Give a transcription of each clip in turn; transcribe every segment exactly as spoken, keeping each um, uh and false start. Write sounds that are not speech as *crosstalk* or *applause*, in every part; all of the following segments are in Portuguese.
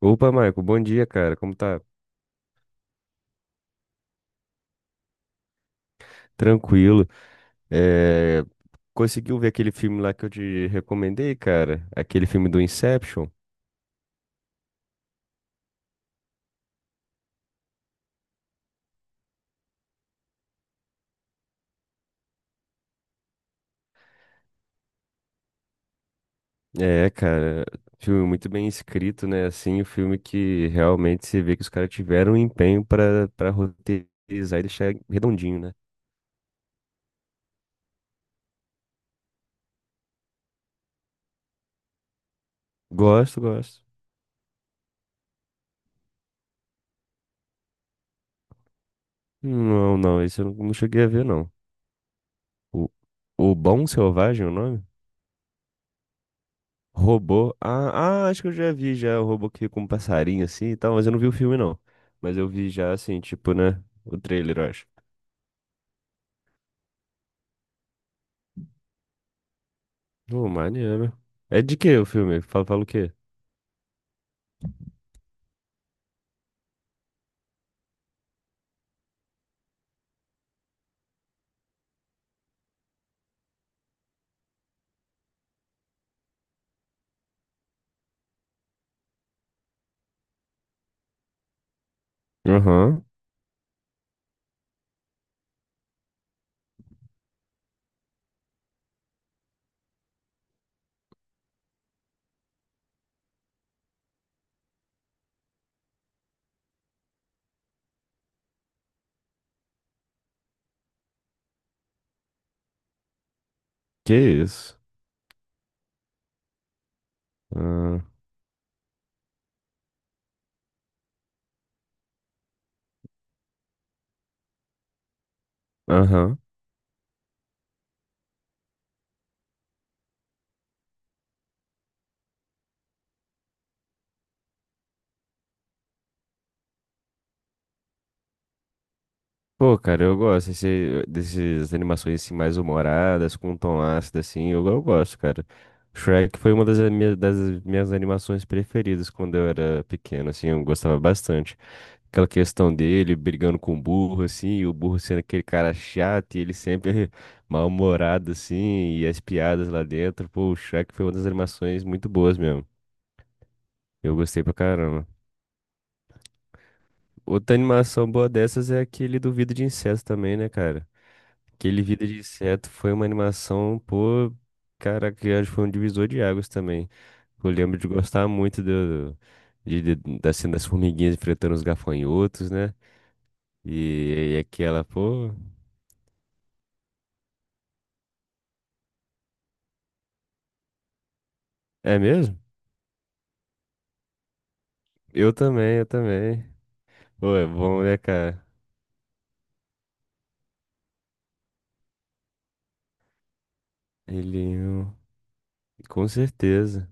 Opa, Marco, bom dia, cara. Como tá? Tranquilo. É, Conseguiu ver aquele filme lá que eu te recomendei, cara? Aquele filme do Inception? É, cara, filme muito bem escrito, né? Assim, o filme que realmente se vê que os caras tiveram um empenho pra, pra roteirizar e deixar redondinho, né? Gosto, gosto. Não, não, esse eu não não cheguei a ver, não. O, o Bom Selvagem, é o nome? Robô. Ah, ah, acho que eu já vi já o robô que fica com um passarinho assim e tal, mas eu não vi o filme não. Mas eu vi já assim, tipo, né? O trailer, eu acho. Pô, maneiro. É de que o filme? Fala, fala o quê? Aham. Que isso? Ah, Aham. Pô, cara, eu gosto desse, dessas animações assim mais humoradas, com um tom ácido assim, eu, eu gosto, cara. Shrek foi uma das minhas, das minhas animações preferidas quando eu era pequeno, assim, eu gostava bastante. Aquela questão dele brigando com o burro, assim, e o burro sendo aquele cara chato, e ele sempre *laughs* mal-humorado, assim, e as piadas lá dentro. Pô, o Shrek foi uma das animações muito boas mesmo. Eu gostei pra caramba. Outra animação boa dessas é aquele do Vida de Inseto também, né, cara? Aquele Vida de Inseto foi uma animação, pô, cara, que acho que foi um divisor de águas também. Eu lembro de gostar muito do, de, de- da cena das formiguinhas enfrentando os gafanhotos, né? E, e aquela, pô. É mesmo? Eu também, eu também. Pô, é bom, né, cara? Elinho, com certeza.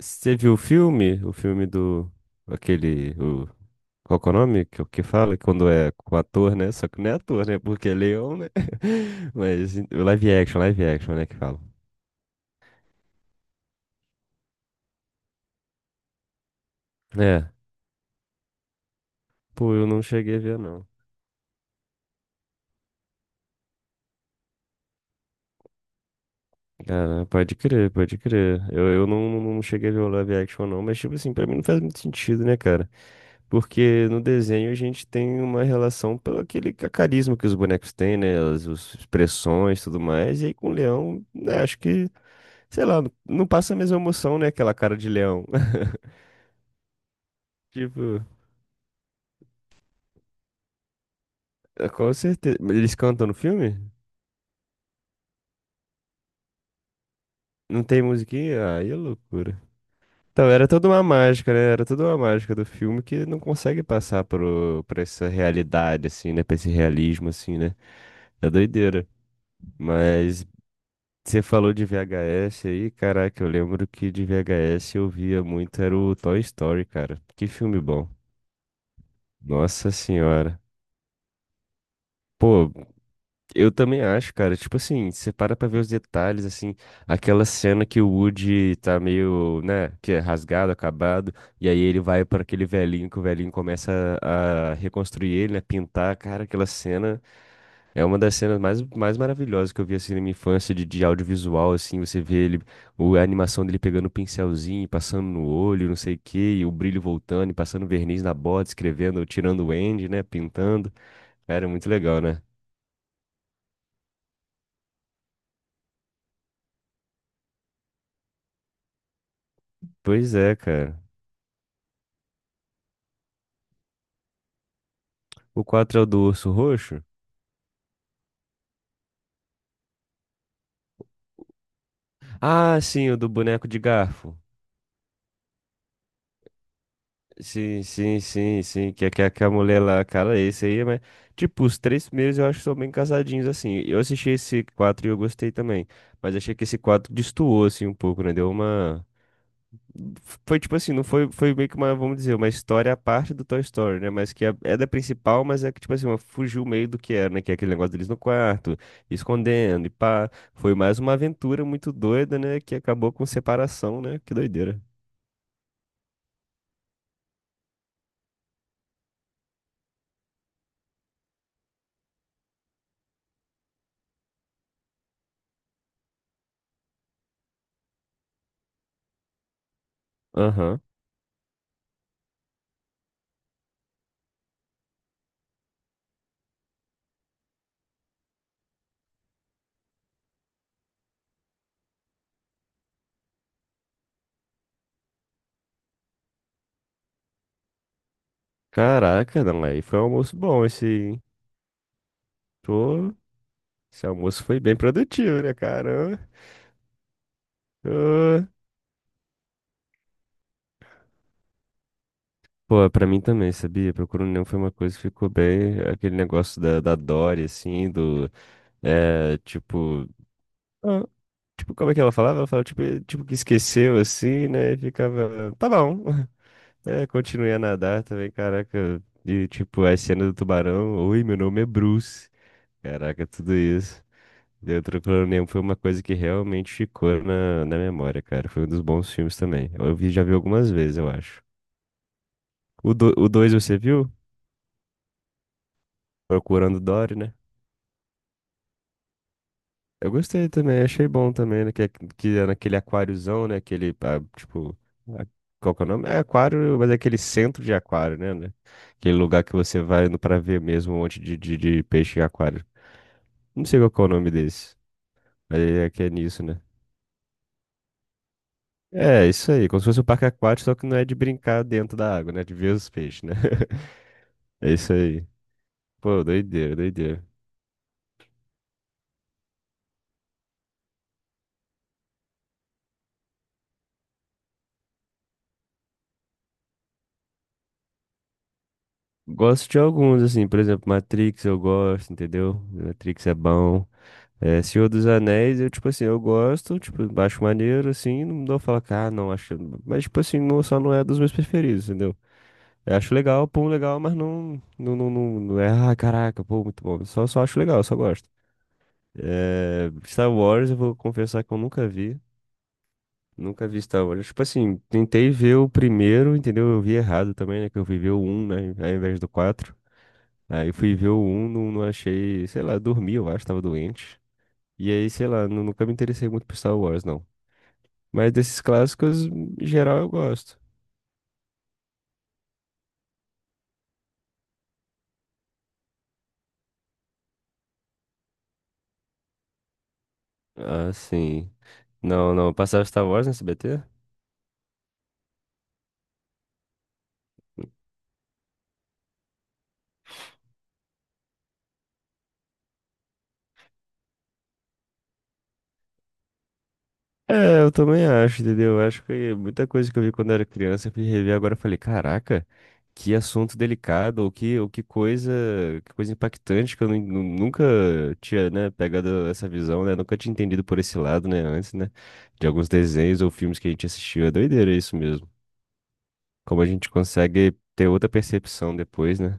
Você viu o filme? O filme do... Aquele... O... Qual que é o nome? Que, que fala quando é com ator, né? Só que não é ator, né? Porque é leão, né? *laughs* Mas o live action, live action, né? Que fala. É. Pô, eu não cheguei a ver, não. Cara, pode crer, pode crer. Eu, eu não, não cheguei a ver o live action, não. Mas, tipo assim, pra mim não faz muito sentido, né, cara? Porque no desenho a gente tem uma relação pelo aquele ca- carisma que os bonecos têm, né? As, as expressões e tudo mais. E aí com o leão, né, acho que, sei lá, não passa a mesma emoção, né? Aquela cara de leão. *laughs* Tipo, é, com certeza. Mas eles cantam no filme? Não tem musiquinha? Aí é loucura. Então, era toda uma mágica, né? Era toda uma mágica do filme que não consegue passar pro, pra essa realidade, assim, né? Pra esse realismo, assim, né? É doideira. Mas Você falou de V H S aí, caraca, eu lembro que de V H S eu via muito, era o Toy Story, cara. Que filme bom. Nossa senhora. Pô, eu também acho, cara. Tipo assim, você para pra ver os detalhes, assim, aquela cena que o Woody tá meio, né, que é rasgado, acabado, e aí ele vai para aquele velhinho que o velhinho começa a a reconstruir ele, né, pintar, cara, aquela cena. É uma das cenas mais, mais maravilhosas que eu vi assim na minha infância de, de audiovisual, assim, você vê ele, o, a animação dele pegando o pincelzinho, e passando no olho, não sei o quê, e o brilho voltando, e passando verniz na bota, escrevendo, tirando o end, né, pintando. Era muito legal, né? Pois é, cara. O quatro é o do urso roxo? Ah, sim, o do boneco de garfo. Sim, sim, sim, sim, que, é que, que a mulher lá, cara, esse aí, mas, tipo, os três primeiros eu acho que são bem casadinhos, assim, eu assisti esse quatro e eu gostei também, mas achei que esse quatro destoou, assim, um pouco, né, deu uma, foi tipo assim, não foi, foi meio que uma, vamos dizer, uma história à parte do Toy Story, né, mas que é, é da principal, mas é que, tipo assim, uma, fugiu meio do que era, né, que é aquele negócio deles no quarto, escondendo, e pá, foi mais uma aventura muito doida, né, que acabou com separação, né, que doideira. Aham. Caraca, não, aí foi um almoço bom esse, hein? Pô, esse almoço foi bem produtivo, né, caramba? Ô. Pô, pra mim também, sabia? Procura um Nemo foi uma coisa que ficou bem, aquele negócio da, da Dory, assim, do, é, tipo, ah, tipo, como é que ela falava? Ela falava, tipo, eh, tipo que esqueceu, assim, né, e ficava, tá bom, *laughs* é, continuei a nadar também, caraca, e, tipo, a cena do tubarão, oi, meu nome é Bruce, caraca, tudo isso. Neutroclone foi uma coisa que realmente ficou na, na memória, cara. Foi um dos bons filmes também. Eu vi, já vi algumas vezes, eu acho. O do o dois você viu? Procurando Dory, né? Eu gostei também, achei bom também, né? Que, é- que é naquele aquáriozão, né? Aquele, ah, tipo, a- qual que é o nome? É aquário, mas é aquele centro de aquário, né? Né? Aquele lugar que você vai indo pra ver mesmo um monte de, de, de peixe em aquário. Não sei qual que é o nome desse, mas é que é nisso, né? É, isso aí, como se fosse um parque aquático, só que não é de brincar dentro da água, né? De ver os peixes, né? *laughs* É isso aí. Pô, doideira, doideira. Gosto de alguns, assim, por exemplo, Matrix eu gosto, entendeu? Matrix é bom. É, Senhor dos Anéis, eu, tipo assim, eu gosto, tipo, acho maneiro, assim, não dou falar, que, ah, não, acho. Mas, tipo assim, não, só não é dos meus preferidos, entendeu? Eu acho legal, pum, legal, mas não, não, não, não, não é, ah, caraca, pô, muito bom. Só, só acho legal, só gosto. É, Star Wars, eu vou confessar que eu nunca vi. Nunca vi Star Wars. Tipo assim, tentei ver o primeiro, entendeu? Eu vi errado também, né? Que eu fui ver o um, né? Ao invés do quatro. Aí fui ver o um, não, não achei, sei lá, dormi, eu acho, tava doente. E aí, sei lá, nu- nunca me interessei muito por Star Wars, não. Mas desses clássicos, em geral, eu gosto. Ah, sim. Não, não, passava Star Wars no S B T? É, eu também acho, entendeu? Eu acho que muita coisa que eu vi quando eu era criança, eu fui rever agora e falei, caraca, que assunto delicado, ou que, ou que coisa, que coisa impactante que eu nu- nu- nunca tinha, né, pegado essa visão, né? Nunca tinha entendido por esse lado, né, antes, né? De alguns desenhos ou filmes que a gente assistiu. É doideira isso mesmo. Como a gente consegue ter outra percepção depois, né?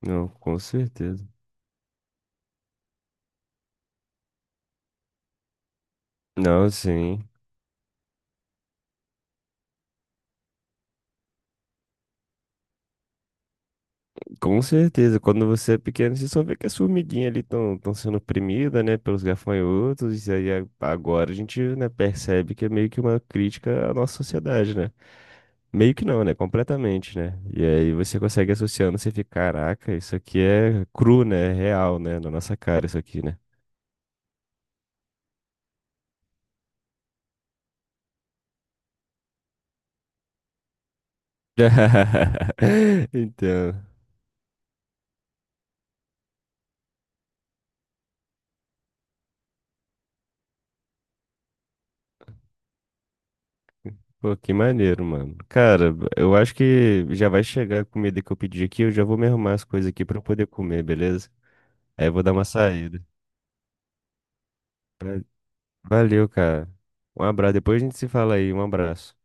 Não, com certeza. Não, sim. Com certeza, quando você é pequeno, você só vê que as formiguinhas ali estão sendo oprimidas, né, pelos gafanhotos, e aí a- agora a gente, né, percebe que é meio que uma crítica à nossa sociedade, né? Meio que não, né? Completamente, né? E aí você consegue associando, você fica, caraca, isso aqui é cru, né? É real, né? Na nossa cara, isso aqui, né? *laughs* Então, pô, que maneiro, mano. Cara, eu acho que já vai chegar a comida que eu pedi aqui, eu já vou me arrumar as coisas aqui pra eu poder comer, beleza? Aí eu vou dar uma saída. Pra- Valeu, cara. Um abraço. Depois a gente se fala aí. Um abraço.